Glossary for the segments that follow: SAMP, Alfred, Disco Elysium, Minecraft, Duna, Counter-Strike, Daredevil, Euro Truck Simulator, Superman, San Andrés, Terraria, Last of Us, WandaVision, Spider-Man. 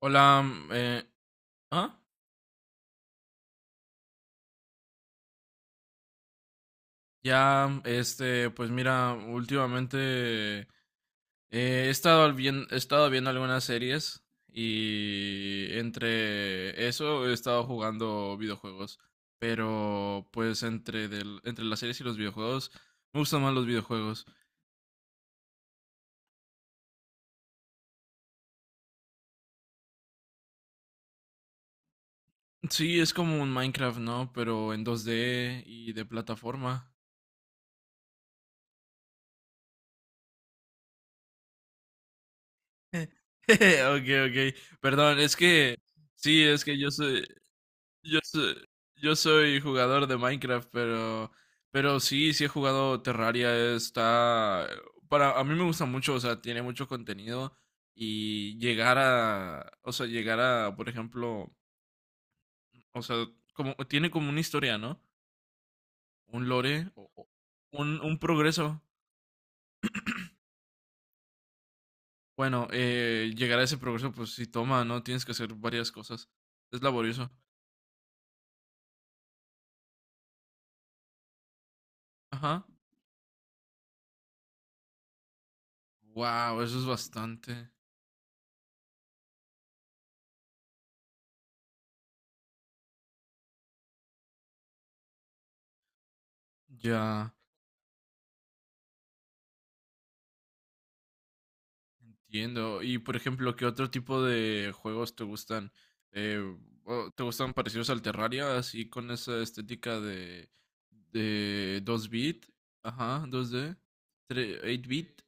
Hola, ¿ah? Ya, este, pues mira, últimamente he estado bien, he estado viendo algunas series y entre eso he estado jugando videojuegos, pero pues entre las series y los videojuegos me gustan más los videojuegos. Sí, es como un Minecraft, ¿no? Pero en 2D y de plataforma. Ok, ok. Perdón, es que Yo, soy yo soy jugador de Minecraft, pero sí he jugado Terraria. A mí me gusta mucho, o sea, tiene mucho contenido y llegar a, o sea, llegar a, por ejemplo, o sea, como tiene como una historia, ¿no? Un lore, o un progreso. Bueno, llegar a ese progreso, pues sí toma, ¿no? Tienes que hacer varias cosas. Es laborioso. Ajá. Wow, eso es bastante. Ya. Entiendo. Y por ejemplo, ¿qué otro tipo de juegos te gustan? Eh, ¿Te gustan parecidos al Terraria, así con esa estética de dos bit? Ajá, dos d, 8-bit.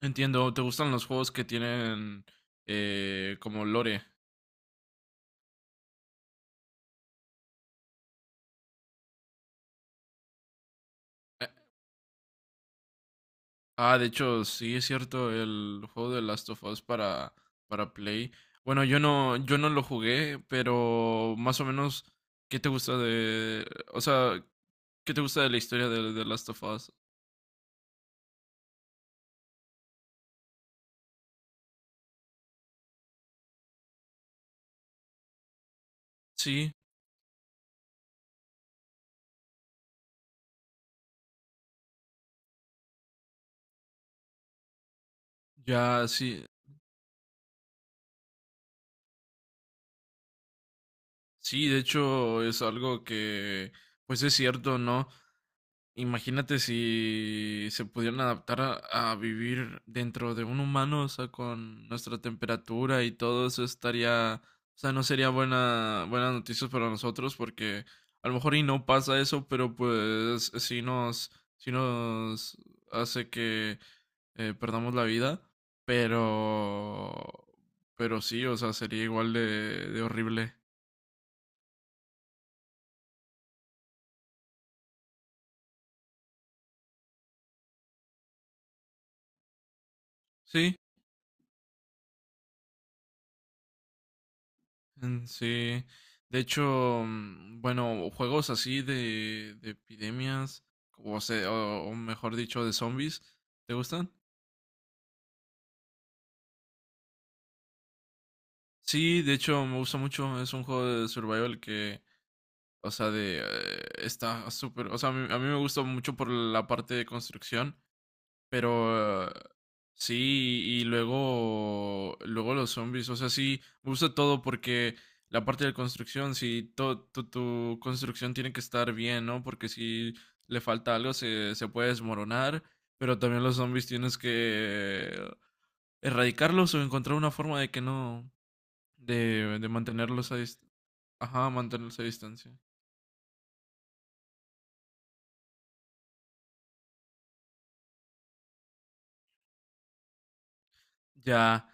Entiendo. ¿Te gustan los juegos que tienen como lore? Ah, de hecho, sí, es cierto, el juego de Last of Us para Play. Bueno, yo no lo jugué, pero más o menos, ¿qué te gusta de, o sea, qué te gusta de la historia de Last of Us? Sí, ya, sí, sí, de hecho, es algo que, pues es cierto, ¿no? Imagínate si se pudieran adaptar a vivir dentro de un humano, o sea, con nuestra temperatura y todo eso estaría, o sea, no sería buenas noticias para nosotros porque a lo mejor y no pasa eso, pero pues sí nos hace que perdamos la vida, pero, pero sí, o sea, sería igual de horrible. Sí. Mm, sí, de hecho, bueno, juegos así de epidemias, o mejor dicho, de zombies, ¿te gustan? Sí, de hecho, me gusta mucho, es un juego de survival que, o sea, está súper, o sea, a mí me gusta mucho por la parte de construcción. Pero sí, y luego, luego los zombies, o sea, sí, me gusta todo porque la parte de la construcción, si tu construcción tiene que estar bien, ¿no? Porque si le falta algo se puede desmoronar, pero también los zombies tienes que erradicarlos o encontrar una forma de que no, de ajá, mantenerlos a distancia. Ya.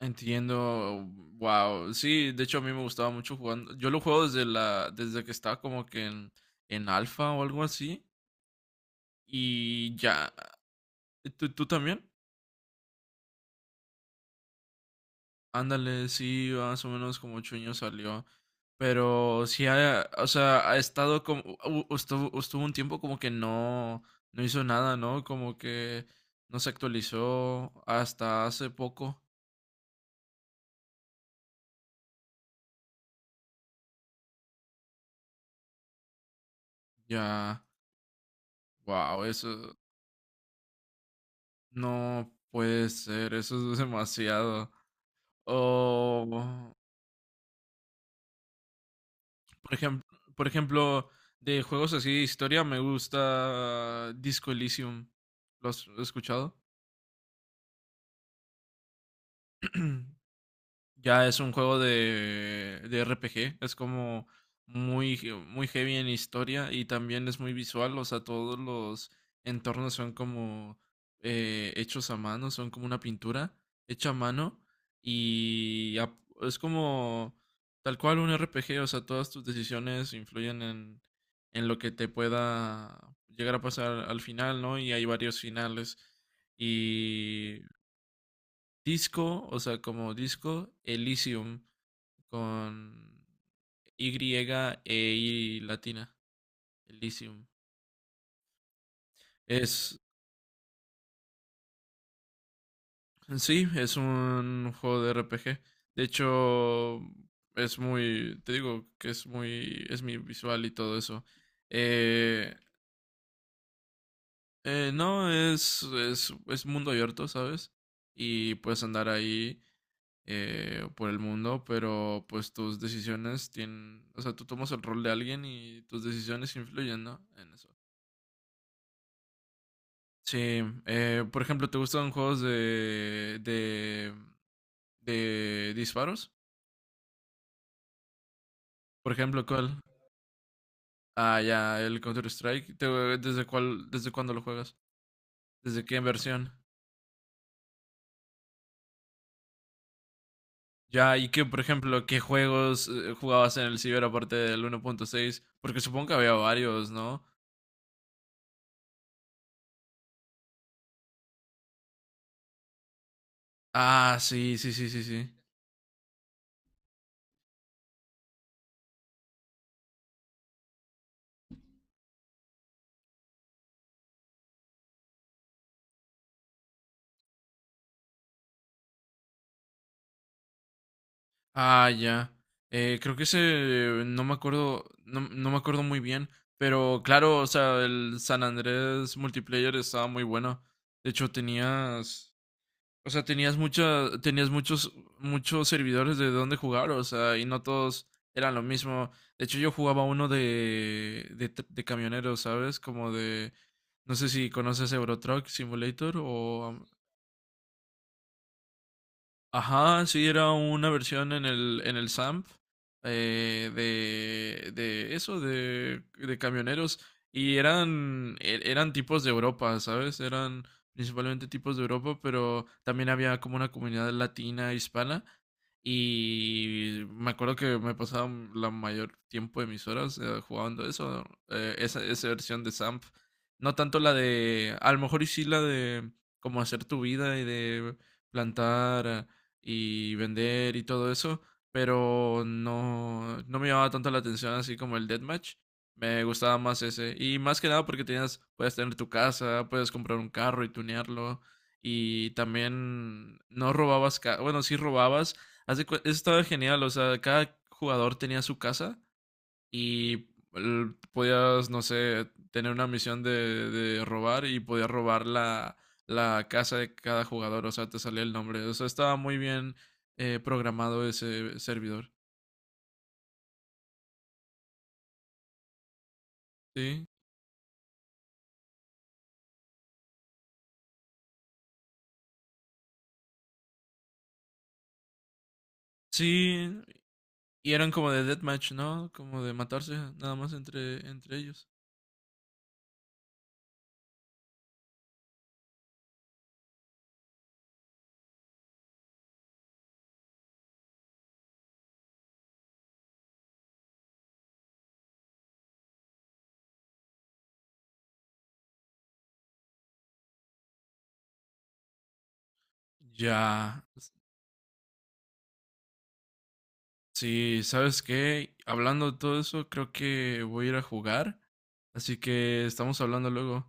Entiendo, wow. Sí, de hecho a mí me gustaba mucho jugando. Yo lo juego desde que estaba como que en alfa o algo así. Y ya, ¿tú también? Ándale, sí, más o menos como 8 años salió. Pero sí, o sea, ha estado como, estuvo un tiempo como que no hizo nada, ¿no? Como que no se actualizó hasta hace poco. Ya, wow, eso no puede ser, eso es demasiado. O, por ejemplo, por ejemplo, de juegos así de historia, me gusta Disco Elysium. ¿Lo has escuchado? Mm. Ya es un juego de RPG. Es como muy heavy en historia y también es muy visual. O sea, todos los entornos son como hechos a mano, son como una pintura hecha a mano y es como tal cual un RPG. O sea, todas tus decisiones influyen en lo que te pueda llegar a pasar al final, ¿no? Y hay varios finales. Y Disco, o sea, como Disco Elysium con Y e I latina, Elysium. Es, sí, es un juego de RPG. De hecho, es muy, te digo que es muy, es mi visual y todo eso. Eh, no, es mundo abierto, ¿sabes? Y puedes andar ahí por el mundo, pero pues tus decisiones tienen, o sea, tú tomas el rol de alguien y tus decisiones influyen, ¿no? En eso. Sí, por ejemplo, ¿te gustan juegos de disparos? Por ejemplo, ¿cuál? Ah, ya, el Counter-Strike. ¿Desde cuándo lo juegas? ¿Desde qué versión? Ya, y qué, por ejemplo, ¿qué juegos jugabas en el Ciber aparte del 1.6? Porque supongo que había varios, ¿no? Ah, sí, sí, sí, sí, sí. Ah, ya. Creo que ese, no me acuerdo, no, no me acuerdo muy bien, pero claro, o sea, el San Andrés multiplayer estaba muy bueno. De hecho, tenías, o sea, tenías muchas, tenías muchos servidores de dónde jugar, o sea, y no todos eran lo mismo. De hecho, yo jugaba uno de de camioneros, ¿sabes? Como de, no sé si conoces Euro Truck Simulator o... Ajá, sí, era una versión en el SAMP, de eso, de camioneros. Y eran tipos de Europa, ¿sabes? Eran principalmente tipos de Europa, pero también había como una comunidad latina, e hispana. Y me acuerdo que me pasaba la mayor tiempo de mis horas jugando eso, esa versión de SAMP. No tanto la de, a lo mejor y sí la de como hacer tu vida y de plantar y vender y todo eso, pero no, no me llamaba tanto la atención así como el Deathmatch. Me gustaba más ese. Y más que nada porque tenías, puedes tener tu casa, puedes comprar un carro y tunearlo. Y también no robabas, bueno, sí robabas. Eso estaba genial, o sea, cada jugador tenía su casa y podías, no sé, tener una misión de robar y podías robar la casa de cada jugador, o sea, te salía el nombre. O sea, estaba muy bien programado ese servidor. Sí, sí, y eran como de deathmatch, ¿no? Como de matarse nada más entre ellos. Ya, sí, ¿sabes qué? Hablando de todo eso, creo que voy a ir a jugar. Así que estamos hablando luego.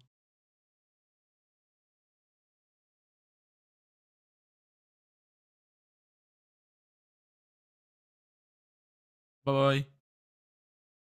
Bye bye.